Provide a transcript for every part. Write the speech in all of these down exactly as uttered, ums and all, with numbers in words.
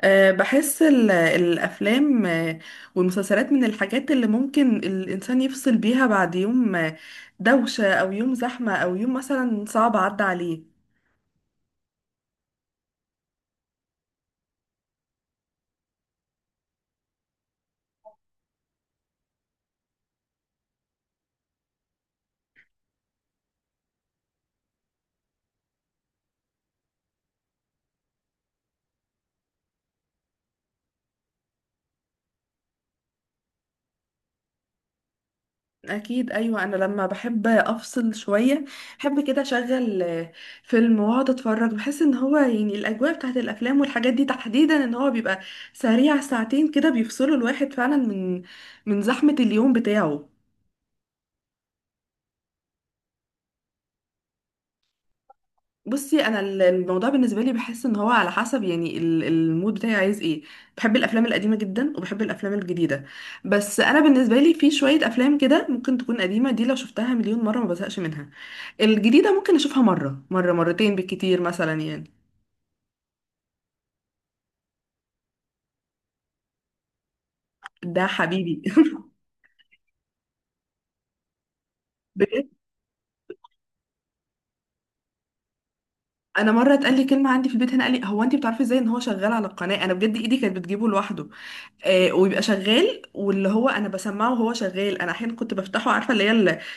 أه بحس ال- الأفلام، آه، والمسلسلات من الحاجات اللي ممكن الإنسان يفصل بيها بعد يوم، آه، دوشة أو يوم زحمة أو يوم مثلا صعب عدى عليه. أكيد، أيوة. أنا لما بحب أفصل شوية بحب كده أشغل آه، فيلم وأقعد أتفرج. بحس إن هو يعني الأجواء بتاعت الأفلام والحاجات دي تحديدا إن هو بيبقى سريع، ساعتين كده بيفصلوا الواحد فعلا من من زحمة اليوم بتاعه. بصي، انا ال- الموضوع بالنسبه لي بحس ان هو على حسب، يعني ال- المود بتاعي عايز ايه. بحب الافلام القديمه جدا وبحب الافلام الجديده. بس انا بالنسبه لي في شويه افلام كده ممكن تكون قديمه، دي لو شفتها مليون مره ما بزهقش منها. الجديده ممكن اشوفها مره، مره، مرتين بالكتير مثلا يعني. ده حبيبي. بجد، انا مره اتقال لي كلمه عندي في البيت هنا، قال لي هو: انت بتعرفي ازاي ان هو شغال على القناه؟ انا بجد ايدي كانت بتجيبه لوحده، آه، ويبقى شغال. واللي هو انا بسمعه وهو شغال، انا احيانا كنت بفتحه، عارفه اللي هي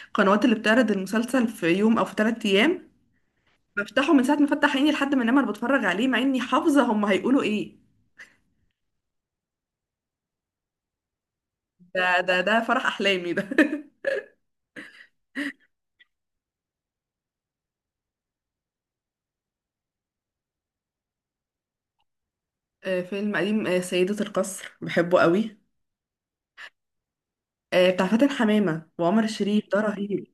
القنوات اللي بتعرض المسلسل في يوم او في ثلاث ايام. بفتحه من ساعه ما فتح عيني لحد ما انام، انا بتفرج عليه مع اني حافظه هم هيقولوا ايه. ده ده ده فرح احلامي ده. آه، فيلم قديم، آه، سيدة القصر بحبه قوي. آه، بتاع فاتن حمامة وعمر الشريف، ده رهيب.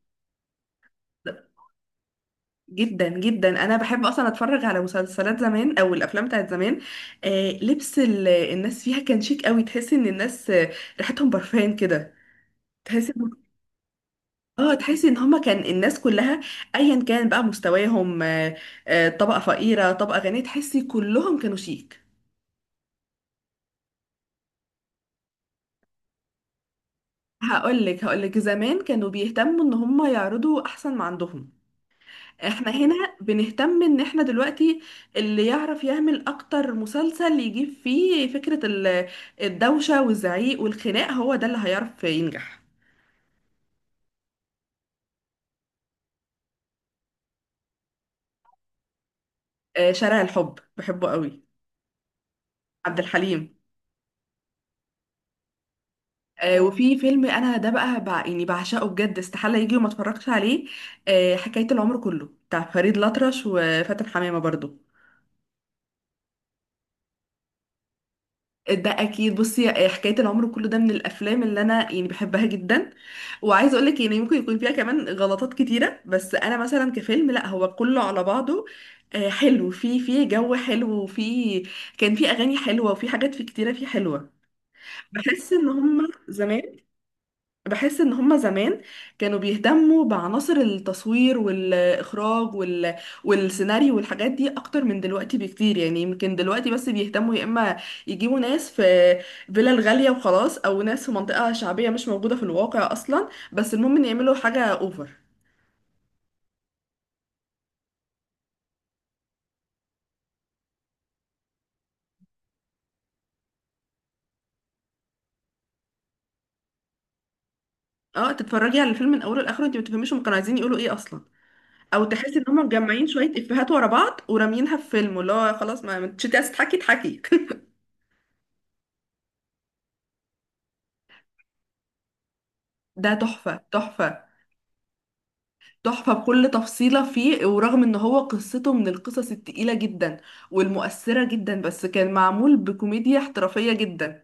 جدا جدا، انا بحب اصلا اتفرج على مسلسلات زمان او الافلام بتاعت زمان. آه، لبس ال- الناس فيها كان شيك قوي. تحس ان الناس آه، ريحتهم برفان كده. تحس إن- اه تحس ان هما كان الناس كلها، ايا كان بقى مستواهم، آه آه طبقة فقيرة، طبقة غنية، تحسي كلهم كانوا شيك. هقولك هقولك زمان كانوا بيهتموا ان هما يعرضوا احسن ما عندهم. احنا هنا بنهتم ان احنا دلوقتي اللي يعرف يعمل اكتر مسلسل يجيب فيه فكرة ال- الدوشة والزعيق والخناق هو ده اللي هيعرف ينجح. آه، شارع الحب بحبه قوي. عبد الحليم. آه، وفي فيلم انا ده بقى بع... يعني بعشقه، بجد استحالة يجي وما اتفرجش عليه. آه، حكاية العمر كله بتاع فريد الأطرش وفاتن حمامة برضو. ده اكيد. بصي، حكايه العمر كله ده من الافلام اللي انا يعني بحبها جدا. وعايزه اقول لك يعني ممكن يكون فيها كمان غلطات كتيره، بس انا مثلا كفيلم لا، هو كله على بعضه آه، حلو. في في جو حلو وفي كان في اغاني حلوه، وفي حاجات في كتيره فيه حلوه. بحس ان هم زمان- بحس ان هما زمان كانوا بيهتموا بعناصر التصوير والاخراج وال... والسيناريو والحاجات دي اكتر من دلوقتي بكتير. يعني يمكن دلوقتي بس بيهتموا يا اما يجيبوا ناس في فيلل غالية وخلاص، او ناس في منطقة شعبية مش موجودة في الواقع اصلا، بس المهم ان يعملوا حاجة اوفر. اه، تتفرجي على الفيلم من اوله لاخره انت ما تفهميش هم كانوا عايزين يقولوا ايه اصلا. او تحسي ان هم مجمعين شوية افيهات ورا بعض وراميينها في فيلم، اللي هو خلاص، ما ما انتش عايزة تضحكي اضحكي. ده تحفة، تحفة، تحفة بكل تفصيلة فيه. ورغم ان هو قصته من القصص التقيلة جدا والمؤثرة جدا، بس كان معمول بكوميديا احترافية جدا.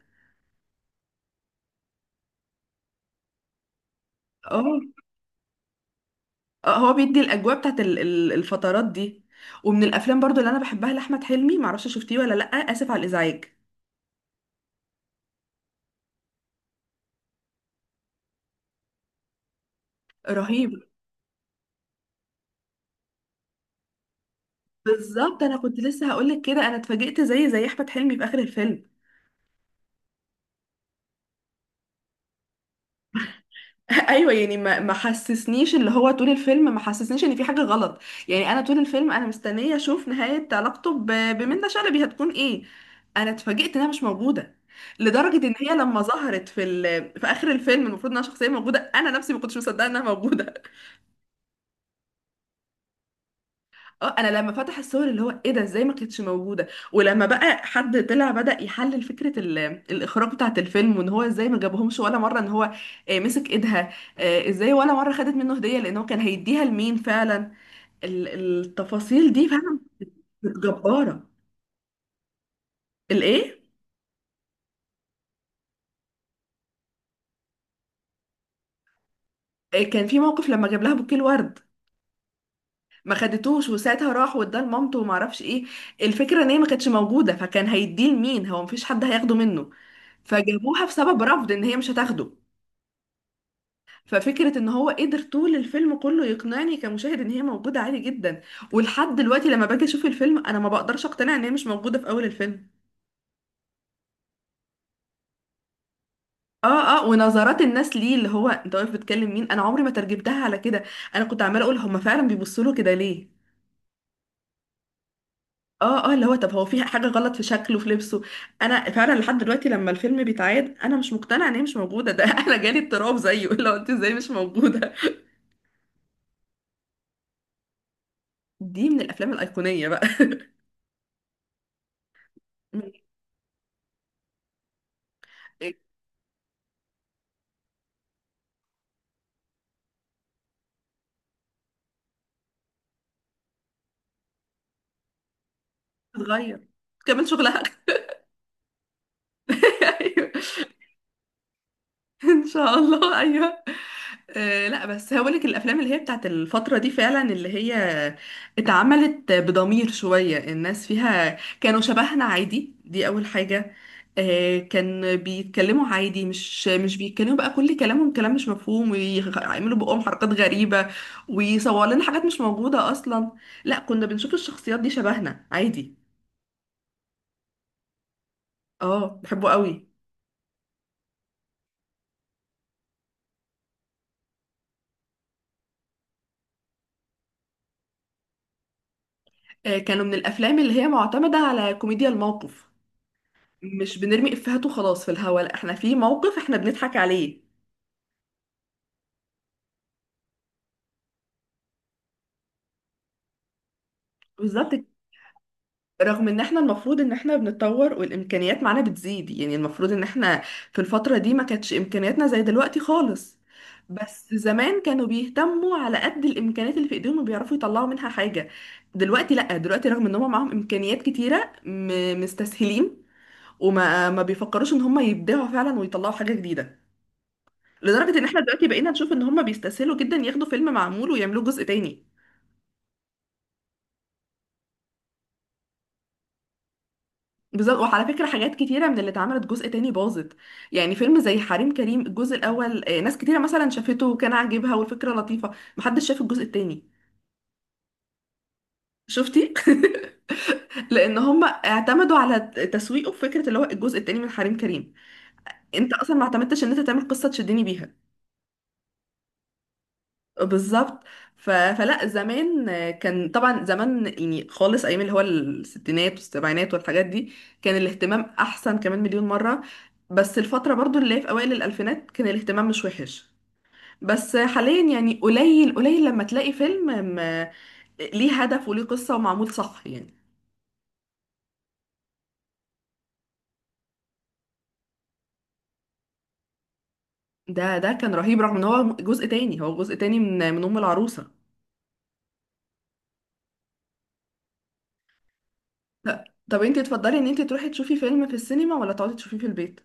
اه. آه، هو بيدي الاجواء بتاعت ال- ال- الفترات دي. ومن الافلام برضو اللي انا بحبها لاحمد حلمي، معرفش شفتيه ولا لا، اسف على الازعاج. رهيب. بالظبط، انا كنت لسه هقولك كده، انا اتفاجئت زي زي احمد حلمي في اخر الفيلم. ايوه يعني ما ما حسسنيش اللي هو طول الفيلم ما حسسنيش ان في حاجه غلط. يعني انا طول الفيلم انا مستنيه اشوف نهايه علاقته ب- بمنة شلبي هتكون ايه. انا اتفاجئت انها مش موجوده. لدرجه ان هي لما ظهرت في ال... في اخر الفيلم المفروض انها شخصيه موجوده، انا نفسي ما كنتش مصدقه انها موجوده. اه، انا لما فتح الصور اللي هو ايه ده، ازاي ما كانتش موجوده؟ ولما بقى حد طلع بدأ يحلل فكره ال- الاخراج بتاعت الفيلم، وان هو ازاي ما جابهمش ولا مره ان هو آه، مسك ايدها، آه، ازاي ولا مره خدت منه هديه؟ لان هو كان هيديها لمين فعلا؟ ال- التفاصيل دي فعلا كانت جباره. الايه؟ آه، كان في موقف لما جاب لها بوكيه الورد ما خدتوش، وساعتها راح واداه لمامته وما اعرفش ايه. الفكره ان هي ما كانتش موجوده، فكان هيديه لمين؟ هو مفيش حد هياخده منه، فجابوها بسبب رفض ان هي مش هتاخده. ففكرة ان هو قدر طول الفيلم كله يقنعني كمشاهد ان هي موجودة عادي جدا، ولحد دلوقتي لما باجي اشوف الفيلم انا ما بقدرش اقتنع ان هي مش موجودة في اول الفيلم. اه، اه، ونظرات الناس ليه اللي هو انت واقف بتكلم مين، انا عمري ما ترجمتها على كده. انا كنت عمالة اقول هما فعلا بيبصوا له كده ليه؟ اه، اه، اللي هو طب هو في حاجة غلط في شكله، في لبسه؟ انا فعلا لحد دلوقتي لما الفيلم بيتعاد انا مش مقتنعة ان هي مش موجودة ده. انا جالي اضطراب زيه، اللي هو انت ازاي مش موجودة؟ دي من الافلام الايقونية بقى. من- بتتغير كمان شغلها. ايوه. ان شاء الله، ايوه. آه لا، بس هقول لك، الافلام اللي هي بتاعت الفتره دي فعلا اللي هي اتعملت بضمير شويه، الناس فيها كانوا شبهنا عادي، دي اول حاجه. آه، كان بيتكلموا عادي، مش مش بيتكلموا بقى كل كلامهم كلام مش مفهوم، ويعملوا بقهم حركات غريبه، ويصوروا لنا حاجات مش موجوده اصلا. لا، كنا بنشوف الشخصيات دي شبهنا عادي. اه بحبه قوي. آه، كانوا من الافلام اللي هي معتمده على كوميديا الموقف. مش بنرمي افيهات وخلاص في الهوا، لا، احنا في موقف احنا بنضحك عليه. بالظبط كده. رغم ان احنا المفروض ان احنا بنتطور والامكانيات معانا بتزيد، يعني المفروض ان احنا في الفترة دي ما كانتش امكانياتنا زي دلوقتي خالص. بس زمان كانوا بيهتموا على قد الامكانيات اللي في ايديهم وبيعرفوا يطلعوا منها حاجة. دلوقتي لا، دلوقتي رغم ان هم معاهم امكانيات كتيرة م- مستسهلين، وما ما بيفكروش ان هم يبدعوا فعلا ويطلعوا حاجة جديدة. لدرجة ان احنا دلوقتي بقينا نشوف ان هم بيستسهلوا جدا، ياخدوا فيلم معمول ويعملوه جزء تاني. بالظبط. وعلى فكرة حاجات كتيرة من اللي اتعملت جزء تاني باظت. يعني فيلم زي حريم كريم الجزء الأول، آه، ناس كتيرة مثلا شافته وكان عاجبها والفكرة لطيفة، محدش شاف الجزء التاني. شفتي؟ لأن هم اعتمدوا على تسويقه في فكرة اللي هو الجزء التاني من حريم كريم. انت أصلا ما اعتمدتش ان انت تعمل قصة تشدني بيها. بالظبط. ف... فلا، زمان كان طبعا، زمان يعني خالص ايام اللي هو الستينات والسبعينات والحاجات دي، كان الاهتمام احسن كمان مليون مرة. بس الفترة برضو اللي هي في اوائل الالفينات كان الاهتمام مش وحش. بس حاليا يعني قليل قليل لما تلاقي فيلم م... ليه هدف وليه قصة ومعمول صح يعني. ده ده كان رهيب. رغم ان هو جزء تاني، هو جزء تاني من من ام العروسة. ط- طب انتي تفضلي ان انتي تروحي تشوفي فيلم في السينما ولا تقعدي تشوفيه في البيت؟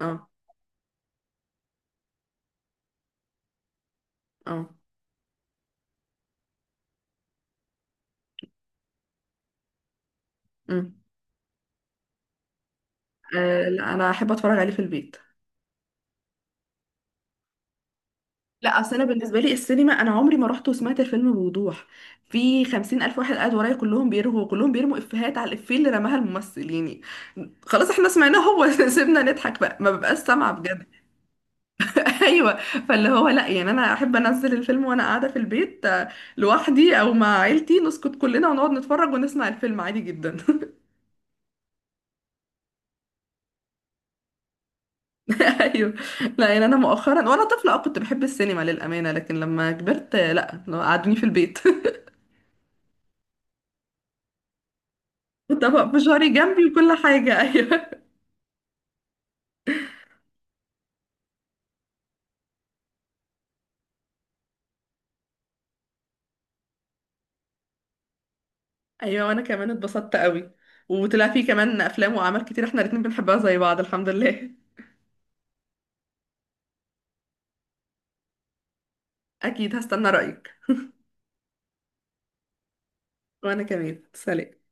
اه. اه. امم. آه لا، انا احب اتفرج عليه في البيت. لا، اصل انا بالنسبه لي السينما انا عمري ما رحت وسمعت الفيلم بوضوح. في خمسين الف واحد قاعد ورايا كلهم بيرهوا كلهم بيرموا افيهات على الافيه اللي رماها الممثل. يعني خلاص احنا سمعناه هو. سيبنا نضحك بقى، ما ببقاش سامعه بجد. ايوه. فاللي هو لا، يعني انا احب انزل الفيلم وانا قاعده في البيت، آه، لوحدي او مع عيلتي، نسكت كلنا ونقعد نتفرج ونسمع الفيلم عادي جدا. ايوه. لا يعني انا مؤخرا وانا طفله اه كنت بحب السينما للامانه، لكن لما كبرت، آه، لا قعدوني في البيت. وطبق فشاري جنبي وكل حاجة. أيوة. أيوة، وأنا كمان اتبسطت قوي. وطلع فيه كمان أفلام وأعمال كتير احنا الاتنين بنحبها زي بعض، الحمد لله. أكيد، هستنى رأيك. وأنا كمان، سلام.